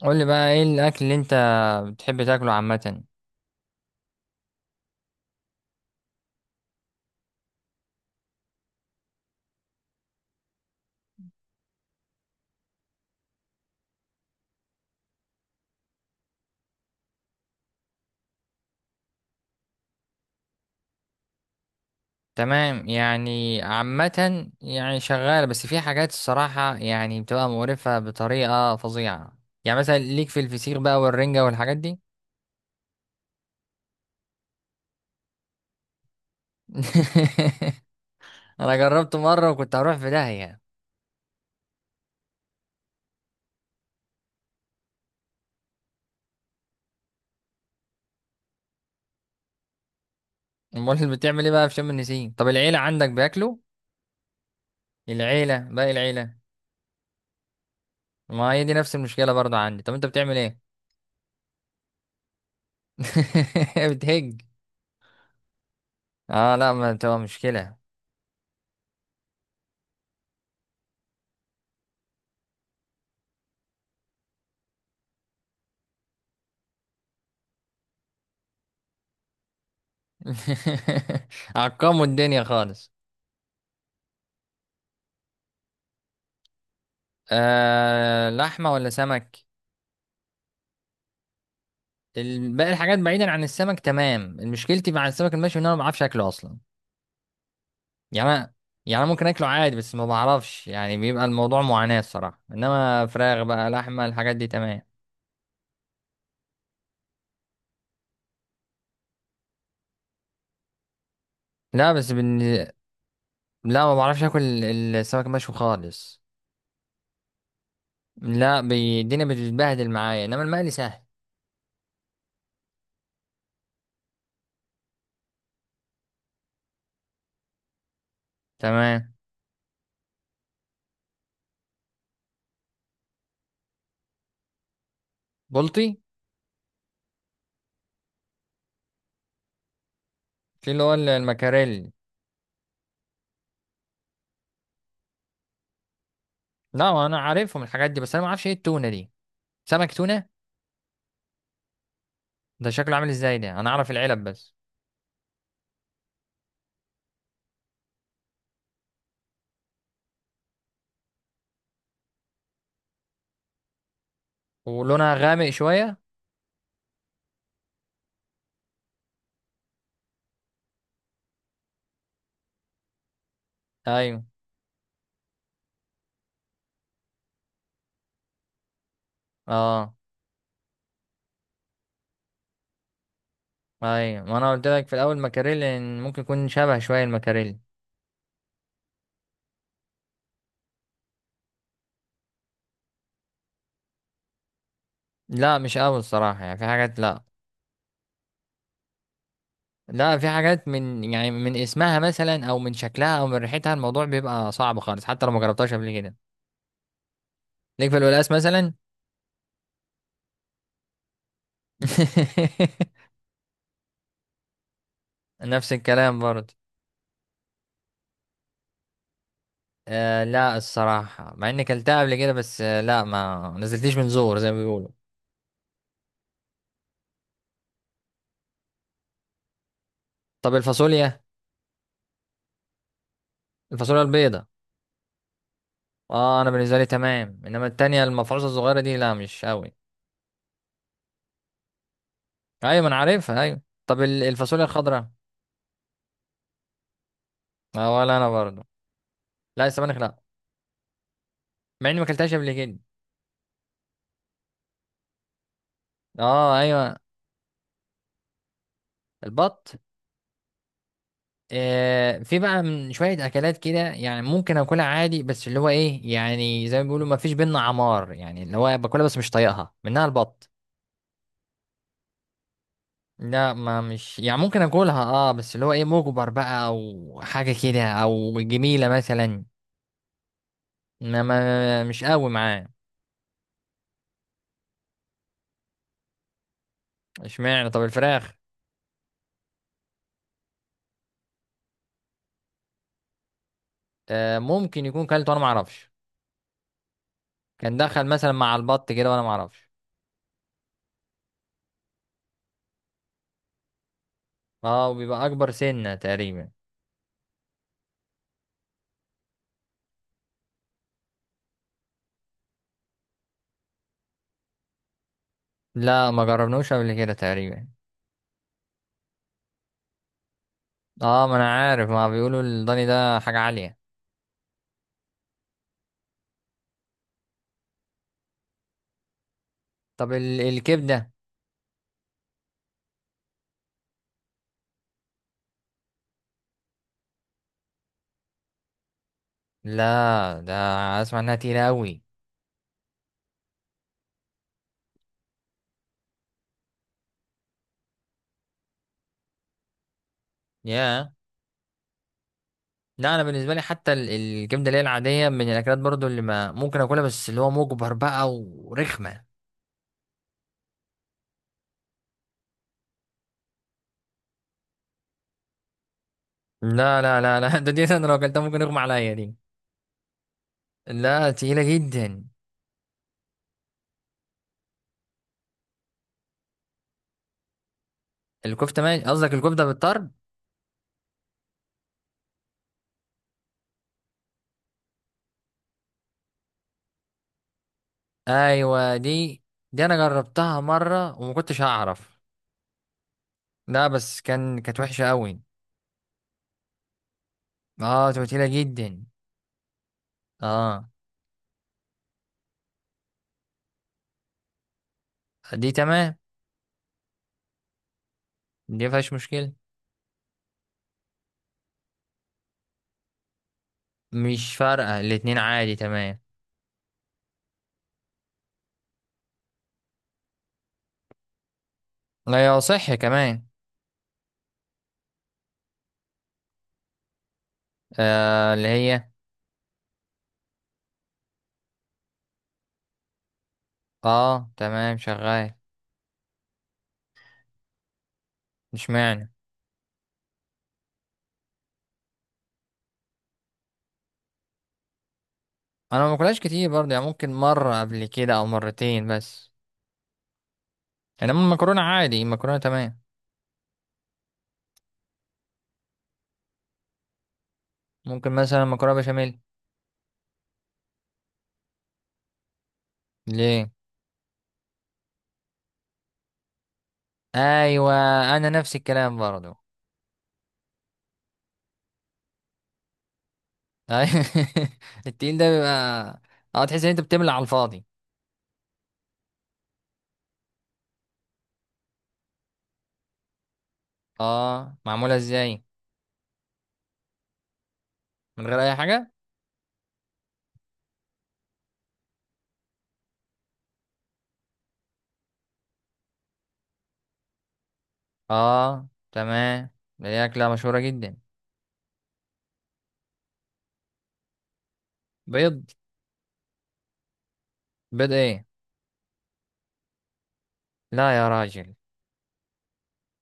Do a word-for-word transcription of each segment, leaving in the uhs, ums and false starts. قول لي بقى ايه الاكل اللي انت بتحب تاكله عامه. تمام، يعني عامه يعني شغال، بس في حاجات الصراحه يعني بتبقى مقرفه بطريقه فظيعه. يعني مثلا ليك في الفسيخ بقى والرنجه والحاجات دي. انا جربته مره وكنت هروح في داهيه. امال بتعمل ايه بقى في شم النسيم؟ طب العيله عندك بياكلوا؟ العيله، باقي العيله. ما هي دي نفس المشكله برضه عندي، طب انت بتعمل ايه؟ بتهج؟ اه، لا ما بتبقى مشكله. عقموا الدنيا خالص. آه، لحمة ولا سمك؟ ال- باقي الحاجات بعيدا عن السمك تمام. مشكلتي مع السمك المشوي ان انا ما بعرفش اكله اصلا. يعني أنا يعني أنا ممكن اكله عادي، بس ما بعرفش يعني بيبقى الموضوع معاناة الصراحة. انما فراخ بقى، لحمة، الحاجات دي تمام. لا بس بن... لا ما بعرفش اكل ال- السمك المشوي خالص. لا بي- الدنيا بتتبهدل معايا، انما المقلي سهل. تمام. بلطي. في اللي هو المكاريلي. لا انا عارفهم الحاجات دي، بس انا ما اعرفش ايه التونة دي. سمك تونة. ده شكله عامل ازاي؟ ده انا اعرف العلب بس. ولونها غامق شوية. ايوه. اه ايوه، ما انا قلت لك في الاول مكاريل إن ممكن يكون شبه شوية المكاريل. لا مش قوي الصراحة، يعني في حاجات لا. لا في حاجات من يعني من اسمها مثلا، او من شكلها، او من ريحتها الموضوع بيبقى صعب خالص حتى لو ما جربتهاش قبل كده. ليك في الولاس مثلا. نفس الكلام برضه. آه لا، الصراحة، مع اني كلتها قبل كده، بس آه لا ما نزلتليش من زور زي ما بيقولوا. طب الفاصوليا، الفاصوليا البيضة. اه، انا بالنسبه لي تمام، انما التانية المفروسه الصغيره دي لا مش قوي. ايوه ما انا عارفها، ايوه. طب ال- الفاصوليا الخضراء؟ اه، ولا انا برضو. لا، السبانخ لا. مع اني ما اكلتهاش قبل كده. اه ايوه. البط؟ آه، في بقى من شويه اكلات كده يعني ممكن اكلها عادي، بس اللي هو ايه يعني زي ما بيقولوا ما فيش بينا عمار، يعني اللي هو باكلها بس مش طايقها، منها البط. لا ما، مش يعني ممكن اكلها اه، بس اللي هو ايه مجبر بقى او حاجه كده، او جميله مثلا. ما ما مش قوي معاه. اشمعنى؟ طب الفراخ؟ آه، ممكن يكون كلت وانا ما اعرفش. كان دخل مثلا مع البط كده وانا ما اعرفش. اه، وبيبقى اكبر سنة تقريبا. لا ما جربناوش قبل كده تقريبا. اه ما انا عارف ما بيقولوا الضاني ده حاجة عالية. طب ال الكبدة؟ لا ده اسمع انها تقيلة قوي. يا. لا انا بالنسبة لي، حتى ال الكبدة اللي هي العادية، من الاكلات برضو اللي ما ممكن اكلها بس اللي هو مجبر بقى، ورخمة. لا، لا، لا، لا، ده دي انا لو اكلتها ممكن اغمى عليا دي. لا، تقيلة جدا. الكفته ماشي، قصدك الكفته بالطرب؟ ايوه. دي دي انا جربتها مره وما كنتش هعرف. لا بس كان كانت وحشه قوي. اه، توتيله جدا. اه. دي تمام، دي مفيهاش مشكله. مش فارقه، الاتنين عادي تمام. لا يا، صح كمان. آه اللي هي. اه تمام، شغال. مش معنى. انا ما باكلهاش كتير برضه، يعني ممكن مره قبل كده او مرتين بس. انما المكرونه عادي، المكرونه تمام. ممكن مثلا مكرونه بشاميل. ليه؟ ايوه. انا نفس الكلام برضو. أيوة. التقيل ده بيبقى. اه، تحس ان انت بتملى على الفاضي. اه، معموله ازاي؟ من غير اي حاجه؟ اه تمام، دي اكله مشهوره جدا. بيض؟ بيض ايه؟ لا يا راجل.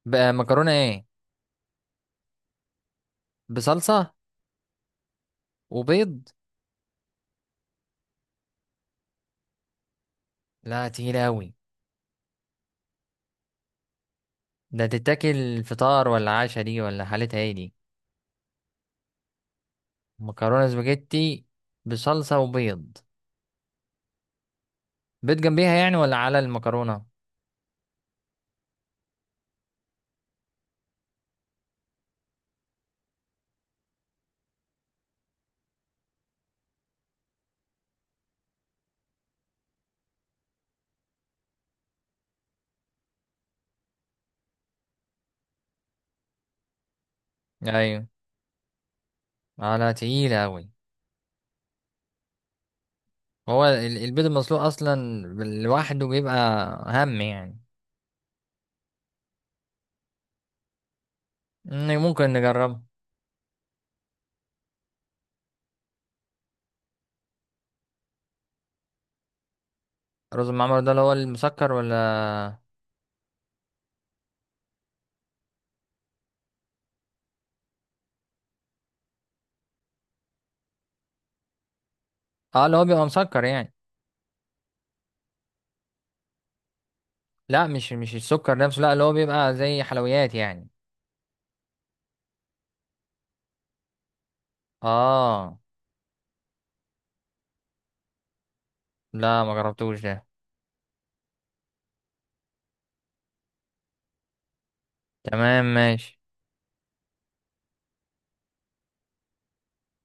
بقى مكرونه ايه؟ بصلصه وبيض؟ لا، تقيله اوي. ده تتاكل فطار ولا عشاء دي، ولا حالتها ايه دي؟ مكرونه سباجيتي بصلصه وبيض؟ بيض جنبيها يعني، ولا على المكرونه؟ ايوه. اه لا، تقيله اوي. هو ال- البيض المسلوق اصلا لوحده بيبقى هم يعني. إن ممكن نجربه. الرز المعمر ده اللي هو المسكر ولا؟ اه، اللي هو بيبقى مسكر يعني؟ لا، مش مش السكر نفسه، لا، اللي هو بيبقى زي حلويات يعني. اه لا، ما جربتوش ده. تمام ماشي.